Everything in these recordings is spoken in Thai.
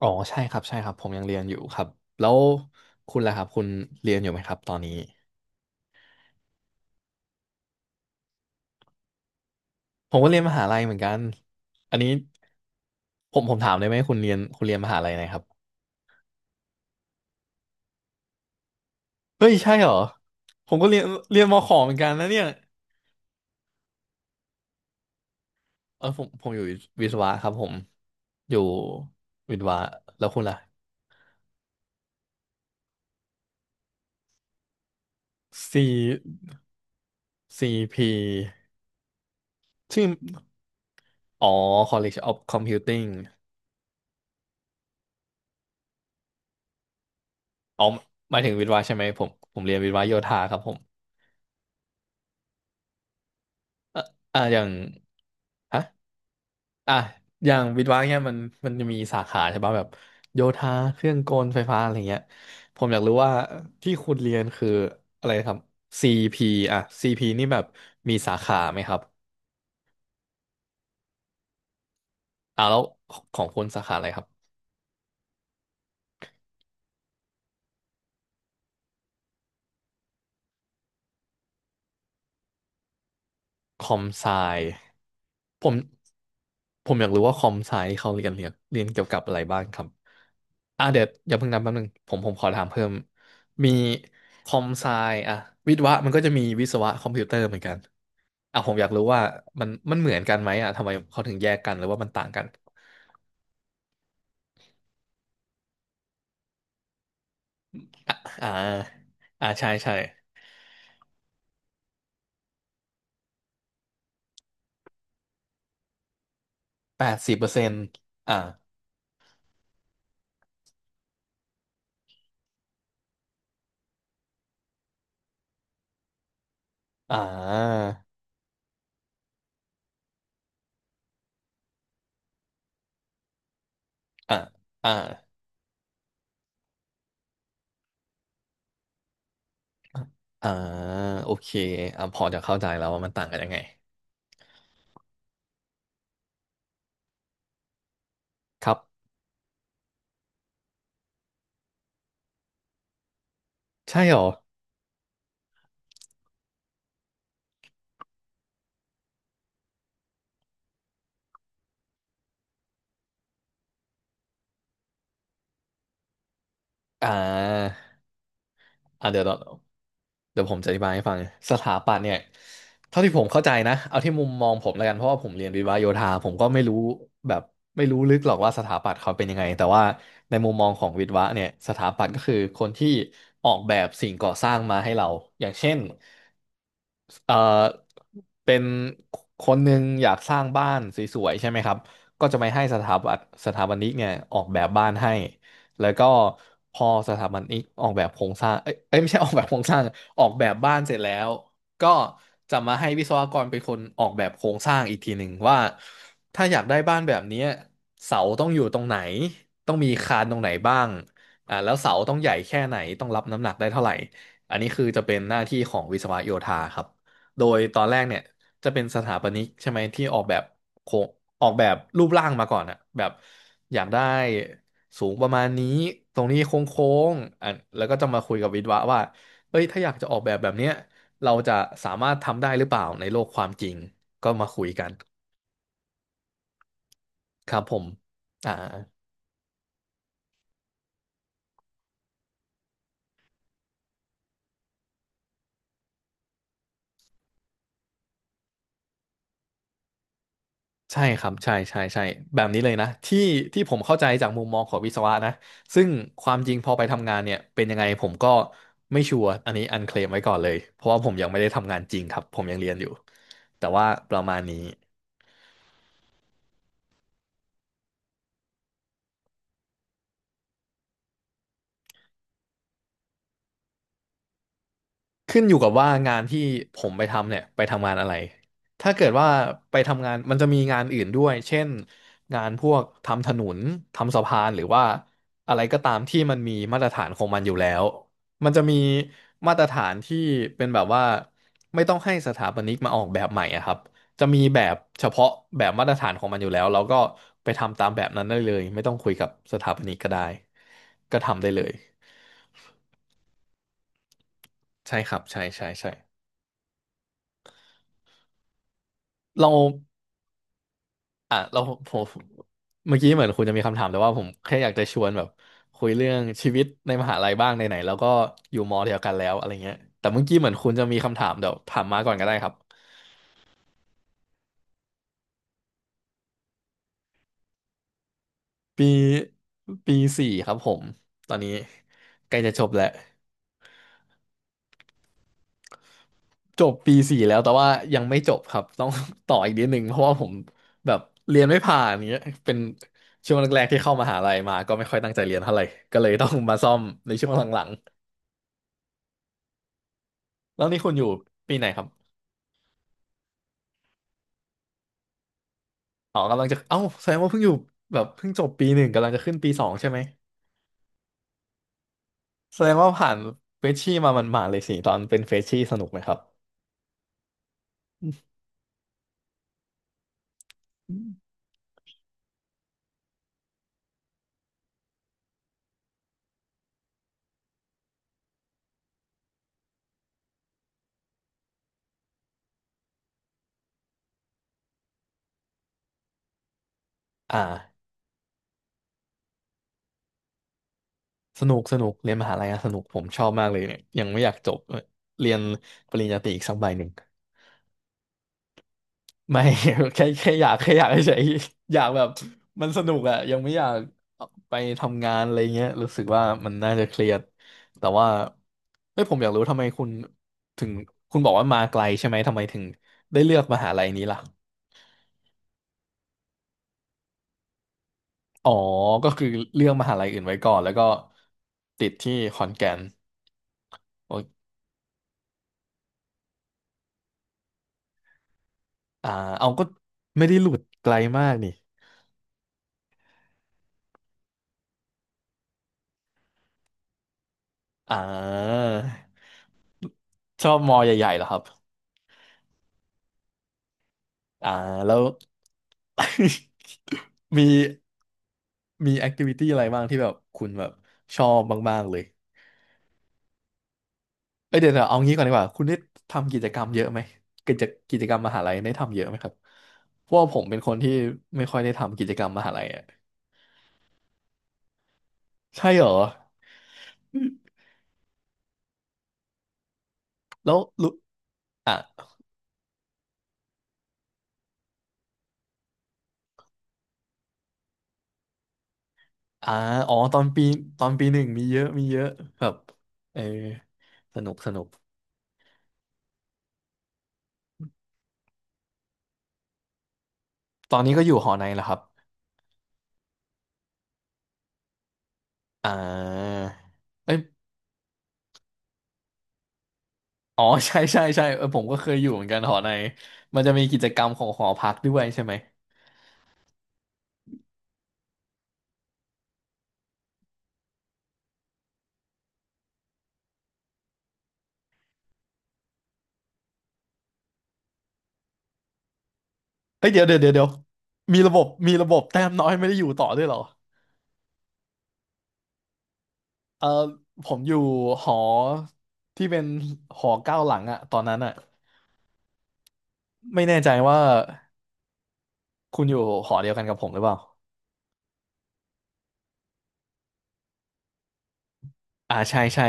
อ๋อใช่ครับใช่ครับผมยังเรียนอยู่ครับแล้วคุณล่ะครับคุณเรียนอยู่ไหมครับตอนนี้ผมก็เรียนมหาลัยเหมือนกันอันนี้ผมถามได้ไหมคุณเรียนมหาลัยไหนครับเฮ้ยใช่เหรอผมก็เรียนมขอเหมือนกันนะเนี่ยเออผมอยู่วิศวะครับผมอยู่วิศวะแล้วคุณล่ะ C CP ชื่ออ๋อ College of Computing อ๋อหมายถึงวิศวะใช่ไหมผมเรียนวิศวะโยธาครับผม อ่ะอ่ะอย่างฮะอ่ะอย่างวิศวะเนี่ยมันมันจะมีสาขาใช่ป่ะแบบโยธาเครื่องกลไฟฟ้าอะไรเงี้ยผมอยากรู้ว่าที่คุณเรียนคืออะไรครับ CP อ่ะ CP นี่แบบมีสาขาไหมครับอ่าแล้วของคุณสาขาอะไรครับ คอมไซผม ผมอยากรู้ว่าคอมไซที่เขาเรียนเกี่ยวกับอะไรบ้างครับอ่ะเดี๋ยวอย่าเพิ่งนับแป๊บนึงผมขอถามเพิ่ม มีคอมไซอ่ะวิศวะมันก็จะมีวิศวะคอมพิวเตอร์เหมือนกันอ่ะผมอยากรู้ว่ามันมันเหมือนกันไหมอ่ะทำไมเขาถึงแยกกันหรือว่ามันต่างกันอ่ะอ่าอ่าใช่ใช่80%อ่าอ่าอ่าอ่าอ่าโอเคอ่ะพอจะเข้าใจแล้วว่ามันต่างกันยังไงครับ ใช่เหรออ่าอ่าเดี๋ยวเราเดี๋ยวผมจะอธิบายให้ฟังสถาปัตย์เนี่ยเท่าที่ผมเข้าใจนะเอาที่มุมมองผมแล้วกันเพราะว่าผมเรียนวิศวะโยธาผมก็ไม่รู้แบบไม่รู้ลึกหรอกว่าสถาปัตย์เขาเป็นยังไงแต่ว่าในมุมมองของวิศวะเนี่ยสถาปัตย์ก็คือคนที่ออกแบบสิ่งก่อสร้างมาให้เราอย่างเช่นเอ่อเป็นคนหนึ่งอยากสร้างบ้านสวยๆใช่ไหมครับก็จะไปให้สถาปัตย์สถาปนิกเนี่ยออกแบบบ้านให้ แล้วก็พอสถาบันนี้ออกแบบโครงสร้างเอ้ยเอ้ยไม่ใช่ออกแบบโครงสร้างออกแบบบ้านเสร็จแล้วก็จะมาให้วิศวกรเป็นคนออกแบบโครงสร้างอีกทีหนึ่งว่าถ้าอยากได้บ้านแบบเนี้ยเสาต้องอยู่ตรงไหนต้องมีคานตรงไหนบ้างอ่าแล้วเสาต้องใหญ่แค่ไหนต้องรับน้ำหนักได้เท่าไหร่อันนี้คือจะเป็นหน้าที่ของวิศวโยธาครับโดยตอนแรกเนี่ยจะเป็นสถาปนิกใช่ไหมที่ออกแบบโครงออกแบบรูปร่างมาก่อนอะแบบอยากได้ สูงประมาณนี้ตรงนี้โค้งๆอ่ะแล้วก็จะมาคุยกับวิศวะว่าเอ้ยถ้าอยากจะออกแบบแบบเนี้ยเราจะสามารถทำได้หรือเปล่าในโลกความจริงก็มาคุยกันครับผมอ่าใช่ครับใช่ใช่ใช่แบบนี้เลยนะที่ผมเข้าใจจากมุมมองของวิศวะนะซึ่งความจริงพอไปทำงานเนี่ยเป็นยังไงผมก็ไม่ชัวร์อันนี้อันเคลมไว้ก่อนเลยเพราะว่าผมยังไม่ได้ทำงานจริงครับผมยังเรียนอยู่แต่ว่าประมาณนี้ ขึ้นอยู่กับว่างานที่ผมไปทำเนี่ยไปทำงานอะไรถ้าเกิดว่าไปทำงานมันจะมีงานอื่นด้วยเช่นงานพวกทำถนนทำสะพานหรือว่าอะไรก็ตามที่มันมีมาตรฐานของมันอยู่แล้วมันจะมีมาตรฐานที่เป็นแบบว่าไม่ต้องให้สถาปนิกมาออกแบบใหม่อะครับจะมีแบบเฉพาะแบบมาตรฐานของมันอยู่แล้วเราก็ไปทำตามแบบนั้นได้เลยไม่ต้องคุยกับสถาปนิกก็ได้ก็ทำได้เลยใช่ครับใช่ใช่ใช่เรา อ่ะเราผมเมื่อกี้เหมือนคุณจะมีคำถามแต่ว่าผมแค่อยากจะชวนแบบคุยเรื่องชีวิตในมหาลัยบ้างไหนๆแล้วก็อยู่มอเดียวกันแล้วอะไรเงี้ยแต่เมื่อกี้เหมือนคุณจะมีคำถามเดี๋ยวถามมาก่อนก็ได้ครับปีปีสี่ครับผมตอนนี้ใกล้จะจบแล้วจบปีสี่แล้วแต่ว่ายังไม่จบครับต้อง ต่ออีกนิดนึงเพราะว่าผมแบบเรียนไม่ผ่านอย่างเงี้ยเป็นช่วงแรกๆที่เข้ามหาลัยมาก็ไม่ค่อยตั้งใจเรียนเท่าไหร่ก็เลยต้องมาซ่อมในช่วงหลังๆแล้วนี่คุณอยู่ปีไหนครับ อ๋อกำลังจะเอ้าแสดงว่าเพิ่งอยู่แบบเพิ่งจบปีหนึ่งกำลังจะขึ้นปีสองใช่ไหมแสดงว่าผ่านเฟรชชี่มามันหมาดๆเลยสิตอนเป็นเฟรชชี่สนุกไหมครับอ่าสนุกสนุกเรียนมหาลัยอะสนุกผมชอบมากเลยเนี่ยยังไม่อยากจบเรียนปริญญาตรีอีกสักใบหนึ่ง ไม่ แค่อยากเฉยๆอยากแบบมันสนุกอะยังไม่อยากไปทำงานอะไรเงี้ยรู้สึกว่ามันน่าจะเครียดแต่ว่าเฮ้ยผมอยากรู้ทำไมคุณถึงคุณบอกว่ามาไกลใช่ไหมทำไมถึงได้เลือกมหาลัยนี้ล่ะอ๋อก็คือเลือกมหาลัยอื่นไว้ก่อนแล้วก็ติดที่ขอนแก่นโอ้ยอ่าเอาก็ไม่ได้หลุดไกลมากนี่อ่าชอบมอใหญ่ๆเหรอครับ อ่าแล้ว มีมีแอคทิวิตี้อะไรบ้างที่แบบคุณแบบชอบบ้างๆเลยเอ้ยเดี๋ยวๆเอางี้ก่อนดีกว่าคุณได้ทำกิจกรรมเยอะไหมกิจกิจกรรมมหาลัยได้ทำเยอะไหมครับเพราะว่าผมเป็นคนที่ไม่ค่อยได้ทำกิจกรรมมหาลัยอ่ะใช่เหรอแล้วรู้อ่ะอ่าอ๋อตอนปีหนึ่งมีเยอะมีเยอะแบบเออสนุกสนุกตอนนี้ก็อยู่หอในแหละครับอ่าเอ้ย อ๋อ ใช่ใช่ใช่เออผมก็เคยอยู่เหมือนกันหอในมันจะมีกิจกรรมของหอพักด้วยใช่ไหมเฮ้ยเดี๋ยวเดี๋ยวเดี๋ยวเดี๋ยวมีระบบมีระบบแต้มน้อยไม่ได้อยู่ต่อด้วยเหรอเออผมอยู่หอที่เป็นหอเก้าหลังอะตอนนั้นอะไม่แน่ใจว่าคุณอยู่หอเดียวกันกับผมหรือเปล่าอ่าใช่ใช่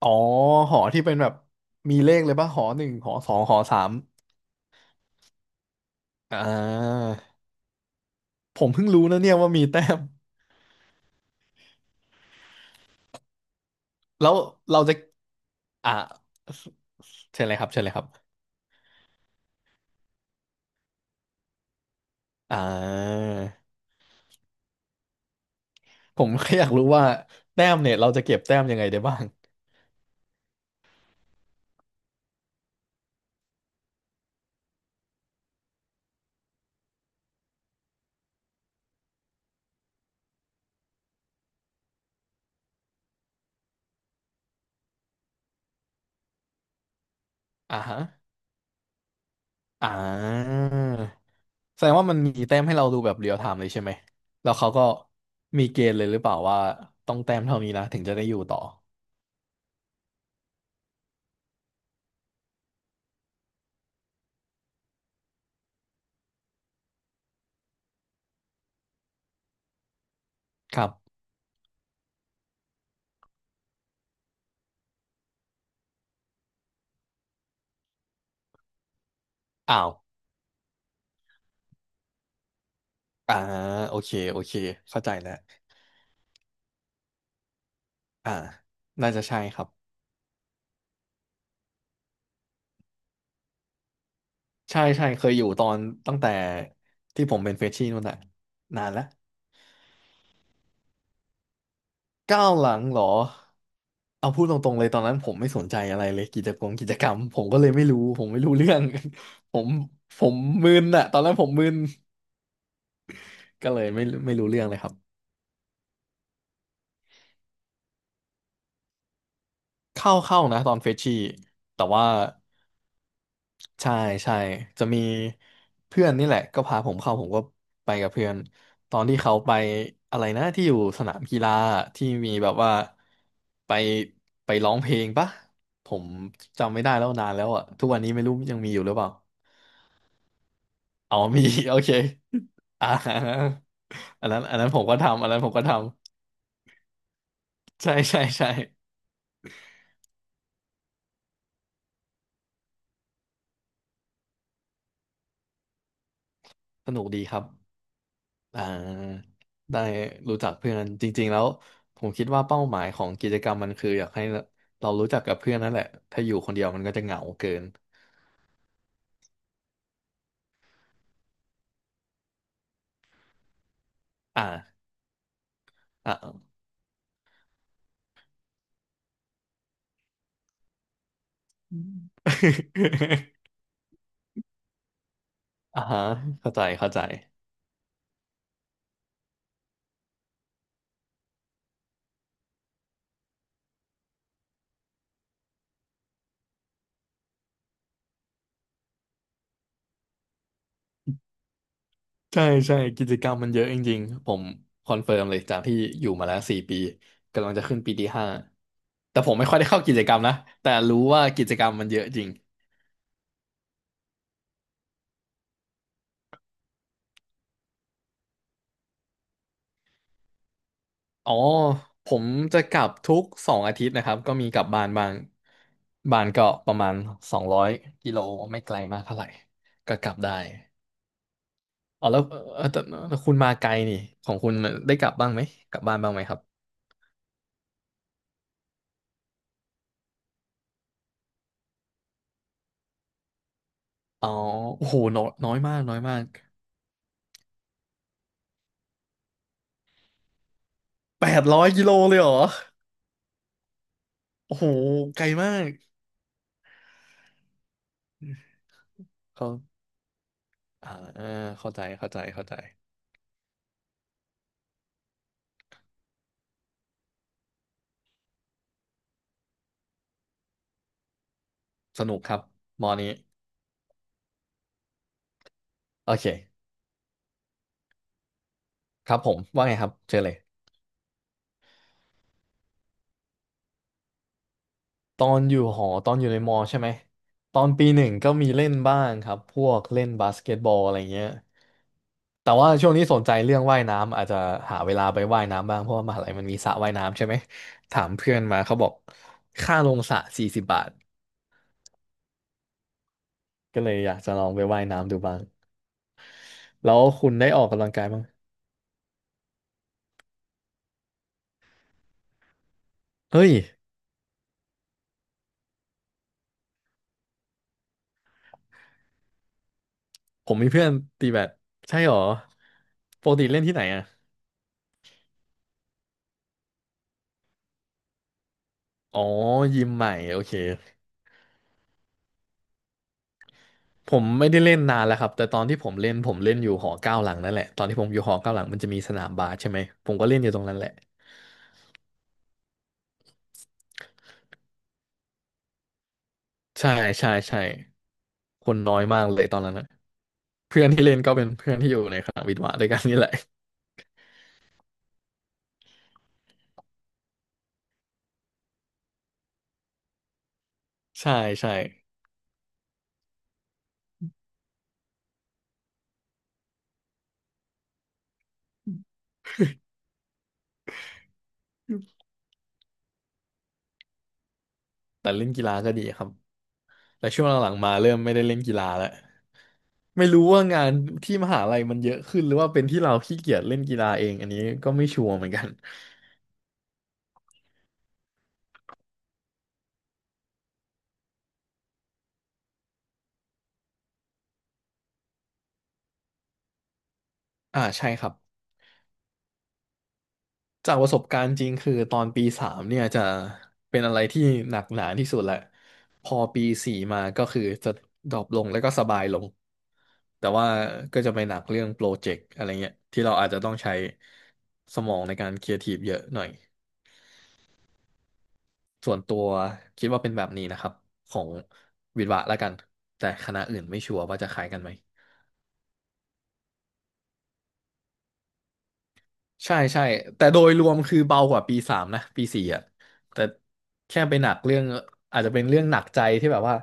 อ๋อหอที่เป็นแบบมีเลขเลยป่ะหอหนึ่งหอสองหอสามอ่าผมเพิ่งรู้นะเนี่ยว่ามีแต้ม แล้วเราจะอ่าเชิญเลยครับเชิญเลยครับอ่าผมแค่อยากรู้ว่าแต้มเนี่ยเราจะเก็บแต้มยังไงได้บ้างอ่าฮะอ่าแสดงว่ามันมีแต้มให้เราดูแบบเรียลไทม์เลยใช่ไหมแล้วเขาก็มีเกณฑ์เลยหรือเปล่าว่าต้องแต้มเท่านี้นะถึงจะได้อยู่ต่อครับอ้าวอ่าโอเคโอเคเข้าใจแล้วอ่าน่าจะใช่ครับใช่ใช่เคยอยู่ตอนตั้งแต่ที่ผมเป็นเฟรชชี่นู่นน่ะนานแล้ว ก้าวหลังเหรอเอาพูดตรงๆเลยตอนนั้นผมไม่สนใจอะไรเลยกิจกรรมกิจกรรมผมก็เลยไม่รู้ผมไม่รู้เรื่อง ผมผมมึนอะตอนนั้นผมมึนก็เลยไม่รู้เรื่องเลยครับเข้านะตอนเฟชชี่แต่ว่าใช่ใช่จะมีเพื่อนนี่แหละก็พาผมเข้าผมก็ไปกับเพื่อนตอนที่เขาไปอะไรนะที่อยู่สนามกีฬาที่มีแบบว่าไปไปร้องเพลงปะผมจำไม่ได้แล้วนานแล้วอะทุกวันนี้ไม่รู้ยังมีอยู่หรือเปล่า อ๋อมี โอเคอ่า อันนั้นอันนั้นผมก็ทำอันนั้นผมก็ทำใช่ใช่ใช่สนุกดีครับอ่าได้รู้จักเพื่อนจริงๆแล้วผมคิดว่าเป้าหมายของกิจกรรมมันคืออยากให้เรารู้จักกับเพื่อนนั่นแหละถ้าอยู่คนเดียวมันก็จะเหงาเกินอ่าอ่า อ่า ฮะเข้าใจเข้าใจ ใช่ใช่กิจกรรมมันเยอะจริงๆผมคอนเฟิร์มเลยจากที่อยู่มาแล้ว4 ปีกำลังจะขึ้นปีที่ห้าแต่ผมไม่ค่อยได้เข้ากิจกรรมนะแต่รู้ว่ากิจกรรมมันเยอะจริงอ๋อผมจะกลับทุก2 อาทิตย์นะครับก็มีกลับบ้านบ้างบ้านก็ประมาณ200 กิโลไม่ไกลมากเท่าไหร่ก็กลับได้อ๋อแล้วเออแต่แต่คุณมาไกลนี่ของคุณได้กลับบ้างไหมกลับบ้านบ้างไหมครับอ๋อโอ้โหน้อยน้อยมากน้อยมาก800 กิโลเลยเหรอ โอ้โหไกลมากเขาอ่าเข้าใจเข้าใจเข้าใจสนุกครับมอนี้โอเคครับผมว่าไงครับเจอเลยตอนอยู่หอตอนอยู่ในมอใช่ไหมตอนปีหนึ่งก็มีเล่นบ้างครับพวกเล่นบาสเกตบอลอะไรเงี้ยแต่ว่าช่วงนี้สนใจเรื่องว่ายน้ำอาจจะหาเวลาไปว่ายน้ำบ้างเพราะว่ามหาลัยมันมีสระว่ายน้ำใช่ไหมถามเพื่อนมาเขาบอกค่าลงสระ40 บาทก็เลยอยากจะลองไปว่ายน้ำดูบ้างแล้วคุณได้ออกกำลังกายบ้างเฮ้ย ผมมีเพื่อนตีแบดใช่หรอปกติเล่นที่ไหนอ่ะอ๋อยิมใหม่โอเคผมไม่ได้เล่นนานแล้วครับแต่ตอนที่ผมเล่นผมเล่นอยู่หอเก้าหลังนั่นแหละตอนที่ผมอยู่หอเก้าหลังมันจะมีสนามบาสใช่ไหมผมก็เล่นอยู่ตรงนั้นแหละใช่ใช่ใช่คนน้อยมากเลยตอนนั้นนะเพื่อนที่เล่นก็เป็นเพื่อนที่อยู่ในคณะวิทย์วะด้วยกันนี่แหละใช่ใช่แต่เล่นกีฬาก็ดีครับแต่ช่วงหลังๆมาเริ่มไม่ได้เล่นกีฬาแล้วไม่รู้ว่างานที่มหาลัยมันเยอะขึ้นหรือว่าเป็นที่เราขี้เกียจเล่นกีฬาเองอันนี้ก็ไม่ชัวร์เหมือนกัน อ่าใช่ครับจากประสบการณ์จริงคือตอนปีสามเนี่ยจะเป็นอะไรที่หนักหนาที่สุดแหละพอปีสี่มาก็คือจะดรอปลงแล้วก็สบายลงแต่ว่าก็จะไปหนักเรื่องโปรเจกต์อะไรเงี้ยที่เราอาจจะต้องใช้สมองในการครีเอทีฟเยอะหน่อยส่วนตัวคิดว่าเป็นแบบนี้นะครับของวิศวะละกันแต่คณะอื่นไม่ชัวร์ว่าจะคล้ายกันไหม ใช่ใช่แต่โดยรวมคือเบากว่าปีสามนะปีสี่อ่ะแต่แค่ไปหนักเรื่องอาจจะเป็นเรื่องหนักใจที่แบบว่า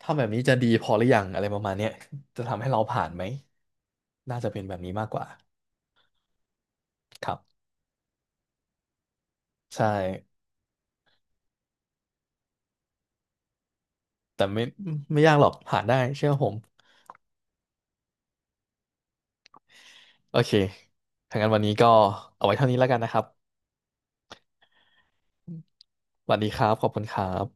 ทำแบบนี้จะดีพอหรือยังอะไรประมาณเนี้ยจะทำให้เราผ่านไหมน่าจะเป็นแบบนี้มากกว่าครับใช่แต่ไม่ยากหรอกผ่านได้เชื่อผมโอเคถ้างั้นวันนี้ก็เอาไว้เท่านี้แล้วกันนะครับสวัสดีครับขอบคุณครับ